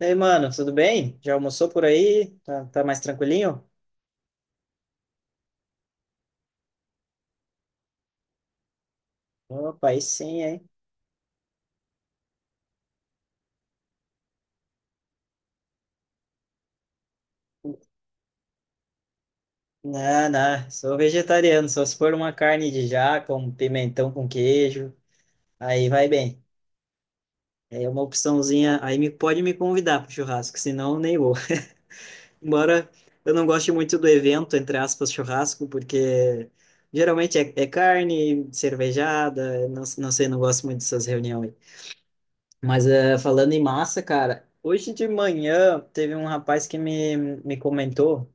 E aí, mano, tudo bem? Já almoçou por aí? Tá, tá mais tranquilinho? Opa, aí sim, hein? Não, não, sou vegetariano, só se for uma carne de jaca, um pimentão com queijo, aí vai bem. É uma opçãozinha, aí me, pode me convidar pro churrasco, senão nem vou. Embora eu não goste muito do evento, entre aspas, churrasco, porque geralmente é carne, cervejada, não, não sei, não gosto muito dessas reuniões. Mas falando em massa, cara, hoje de manhã teve um rapaz que me comentou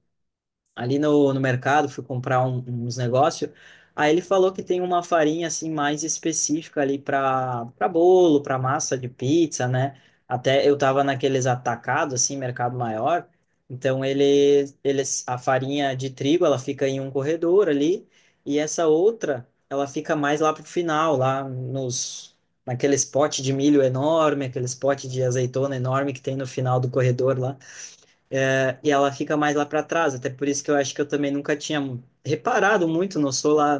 ali no mercado, fui comprar uns negócios. Aí ele falou que tem uma farinha assim mais específica ali para bolo, para massa de pizza, né? Até eu tava naqueles atacados assim, mercado maior. Então ele, eles a farinha de trigo, ela fica em um corredor ali e essa outra, ela fica mais lá pro final, lá nos naqueles potes de milho enorme, aqueles potes de azeitona enorme que tem no final do corredor lá e ela fica mais lá para trás, até por isso que eu acho que eu também nunca tinha reparado muito, não sou lá,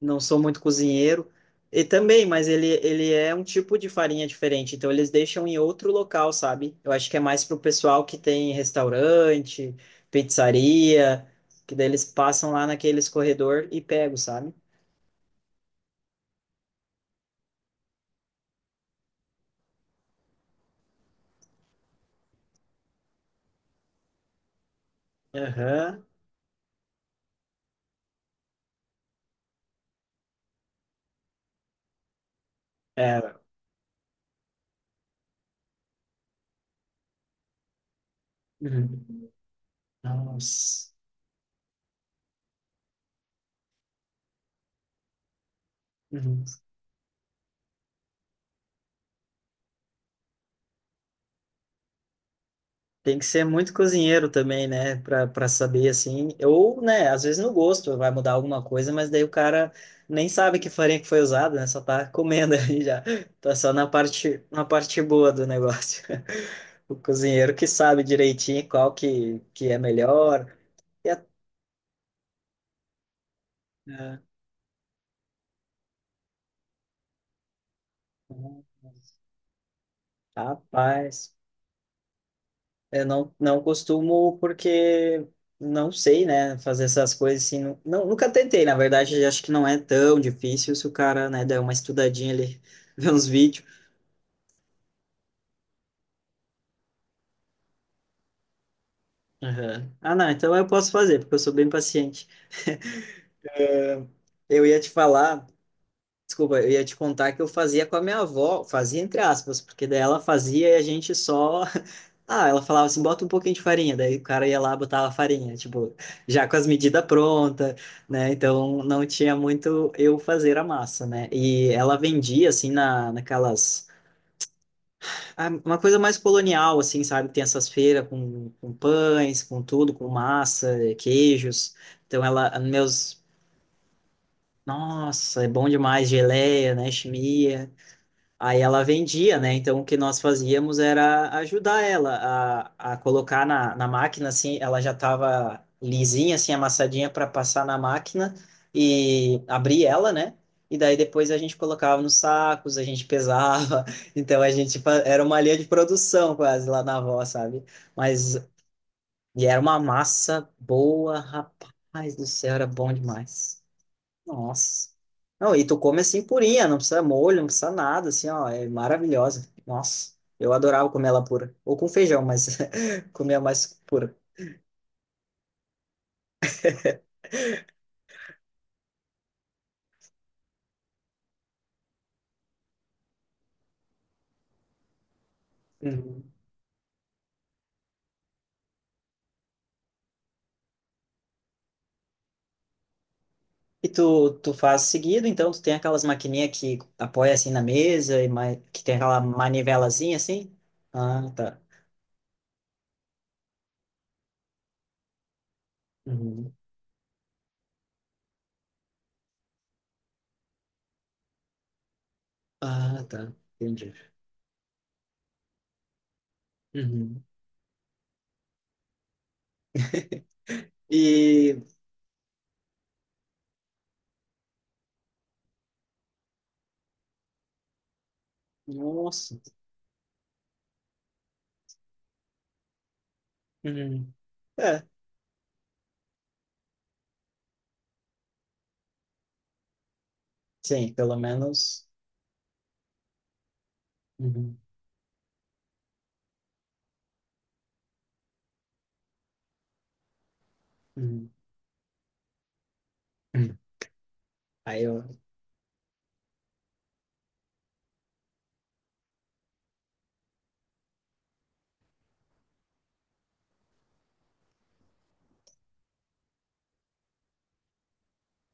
não sou muito cozinheiro. E também, mas ele é um tipo de farinha diferente, então eles deixam em outro local, sabe? Eu acho que é mais pro pessoal que tem restaurante, pizzaria, que daí eles passam lá naqueles corredor e pegam, sabe? Aham. É. Uhum. Nossa. Uhum. Tem que ser muito cozinheiro também, né? Pra saber, assim. Ou, né, às vezes no gosto vai mudar alguma coisa, mas daí o cara nem sabe que farinha que foi usada, né? Só tá comendo ali já. Tá só na parte boa do negócio. O cozinheiro que sabe direitinho qual que é melhor. E a- é, uhum. Rapaz. Eu não, não costumo porque não sei, né, fazer essas coisas assim. Não, nunca tentei, na verdade, acho que não é tão difícil se o cara, né, der uma estudadinha ali, ver uns vídeos. Aham. Ah, não, então eu posso fazer, porque eu sou bem paciente. Eu ia te falar. Desculpa, eu ia te contar que eu fazia com a minha avó, fazia entre aspas, porque daí ela fazia e a gente só. Ah, ela falava assim, bota um pouquinho de farinha, daí o cara ia lá botar a farinha, tipo, já com as medidas prontas, né? Então não tinha muito eu fazer a massa, né? E ela vendia assim naquelas. Uma coisa mais colonial, assim, sabe? Tem essas feiras com pães, com tudo, com massa, queijos. Então ela, meus. Nossa, é bom demais, geleia, né? Chimia. Aí ela vendia, né? Então o que nós fazíamos era ajudar ela a colocar na máquina, assim, ela já estava lisinha, assim, amassadinha para passar na máquina e abrir ela, né? E daí depois a gente colocava nos sacos, a gente pesava. Então a gente era uma linha de produção quase lá na avó, sabe? Mas e era uma massa boa, rapaz do céu, era bom demais. Nossa. Não, e tu come assim purinha, não precisa molho, não precisa nada, assim, ó, é maravilhosa. Nossa, eu adorava comer ela pura. Ou com feijão, mas comia mais pura. Uhum. E tu, tu faz seguido, então tu tem aquelas maquininhas que apoia assim na mesa e mais, que tem aquela manivelazinha assim? Ah, tá. Uhum. Ah, tá. Entendi. Uhum. E, nossa. Uhum. É, sim, pelo menos. Uhum. Uhum. Uhum. Aí eu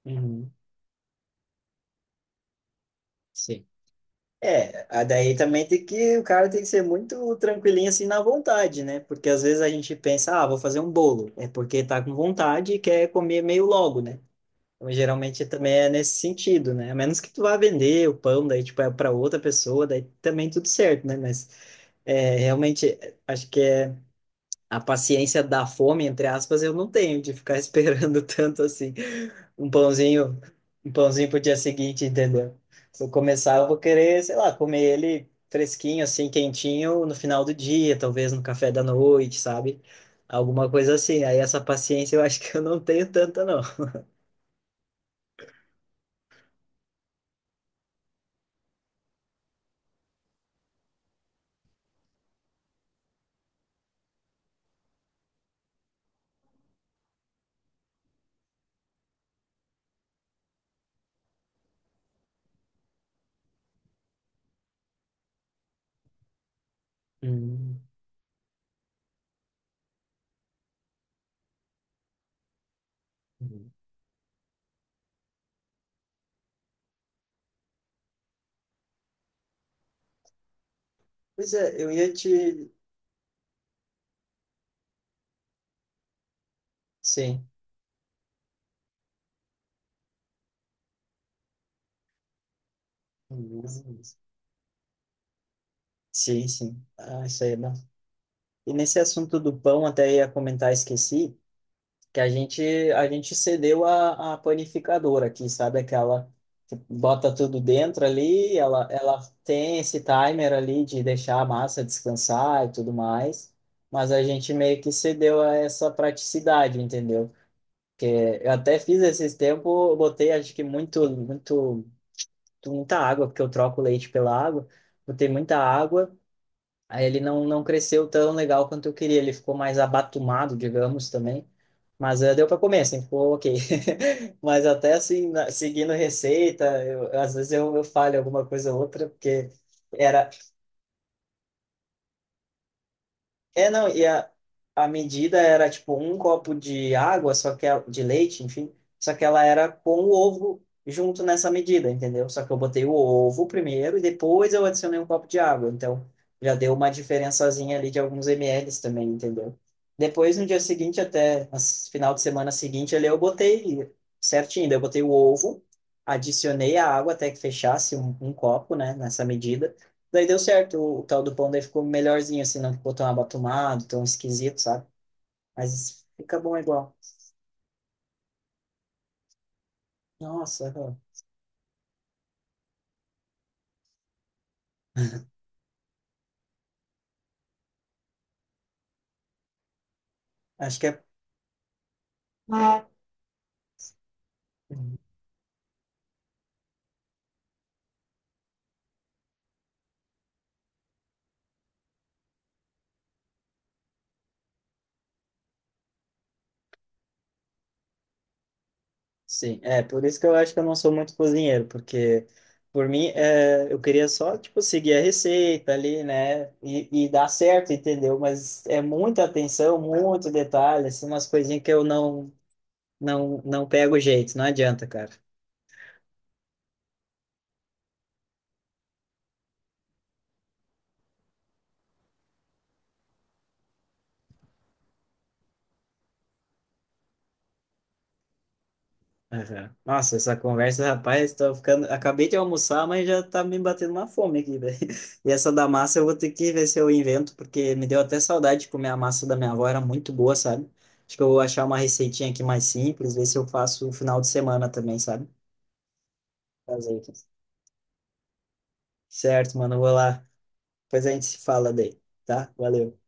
Uhum. Sim. É, daí também tem que, o cara tem que ser muito tranquilinho assim na vontade, né? Porque às vezes a gente pensa, ah, vou fazer um bolo. É porque tá com vontade e quer comer meio logo, né? Então, geralmente também é nesse sentido, né? A menos que tu vá vender o pão, daí tipo é para outra pessoa, daí também tudo certo, né? Mas é, realmente acho que é a paciência da fome, entre aspas, eu não tenho de ficar esperando tanto assim um pãozinho, um pãozinho pro dia seguinte, entendeu? Se eu começar, eu vou querer, sei lá, comer ele fresquinho, assim, quentinho, no final do dia, talvez no café da noite, sabe? Alguma coisa assim. Aí essa paciência eu acho que eu não tenho tanta, não. Hum. Pois é, eu ia te. Sim. Sim, sim. Ah, isso aí é bom. E nesse assunto do pão, até ia comentar, esqueci. Que a gente cedeu a panificadora aqui, sabe? Aquela que bota tudo dentro ali, ela tem esse timer ali de deixar a massa descansar e tudo mais, mas a gente meio que cedeu a essa praticidade, entendeu? Porque eu até fiz esses tempos, eu botei acho que muito muito muita água, porque eu troco o leite pela água, botei muita água. Aí ele não, não cresceu tão legal quanto eu queria, ele ficou mais abatumado, digamos, também. Mas deu para comer, assim, ficou ok. Mas até assim, seguindo receita, eu, às vezes eu falho alguma coisa ou outra, porque era, É, não, a medida era tipo um copo de água, só que de leite, enfim, só que ela era com o ovo junto nessa medida, entendeu? Só que eu botei o ovo primeiro e depois eu adicionei um copo de água, então já deu uma diferençazinha ali de alguns mls também, entendeu? Depois, no dia seguinte, até no final de semana seguinte, ali eu botei certinho, daí eu botei o ovo, adicionei a água até que fechasse um copo, né, nessa medida. Daí deu certo, o tal do pão daí ficou melhorzinho, assim, não ficou tão abatumado, tão esquisito, sabe? Mas fica bom igual. Nossa, eu- acho que é. Ah, sim, é por isso que eu acho que eu não sou muito cozinheiro, porque por mim é, eu queria só, tipo, seguir a receita ali, né? E dar certo, entendeu? Mas é muita atenção, muito detalhe, assim, umas coisinhas que eu não, não pego jeito, não adianta, cara. Aham. Nossa, essa conversa, rapaz, tô ficando. Acabei de almoçar, mas já tá me batendo uma fome aqui, velho. E essa da massa eu vou ter que ver se eu invento, porque me deu até saudade de comer a massa da minha avó, era muito boa, sabe? Acho que eu vou achar uma receitinha aqui mais simples, ver se eu faço no final de semana também, sabe? Fazer aqui. Certo, mano, eu vou lá. Depois a gente se fala daí, tá? Valeu.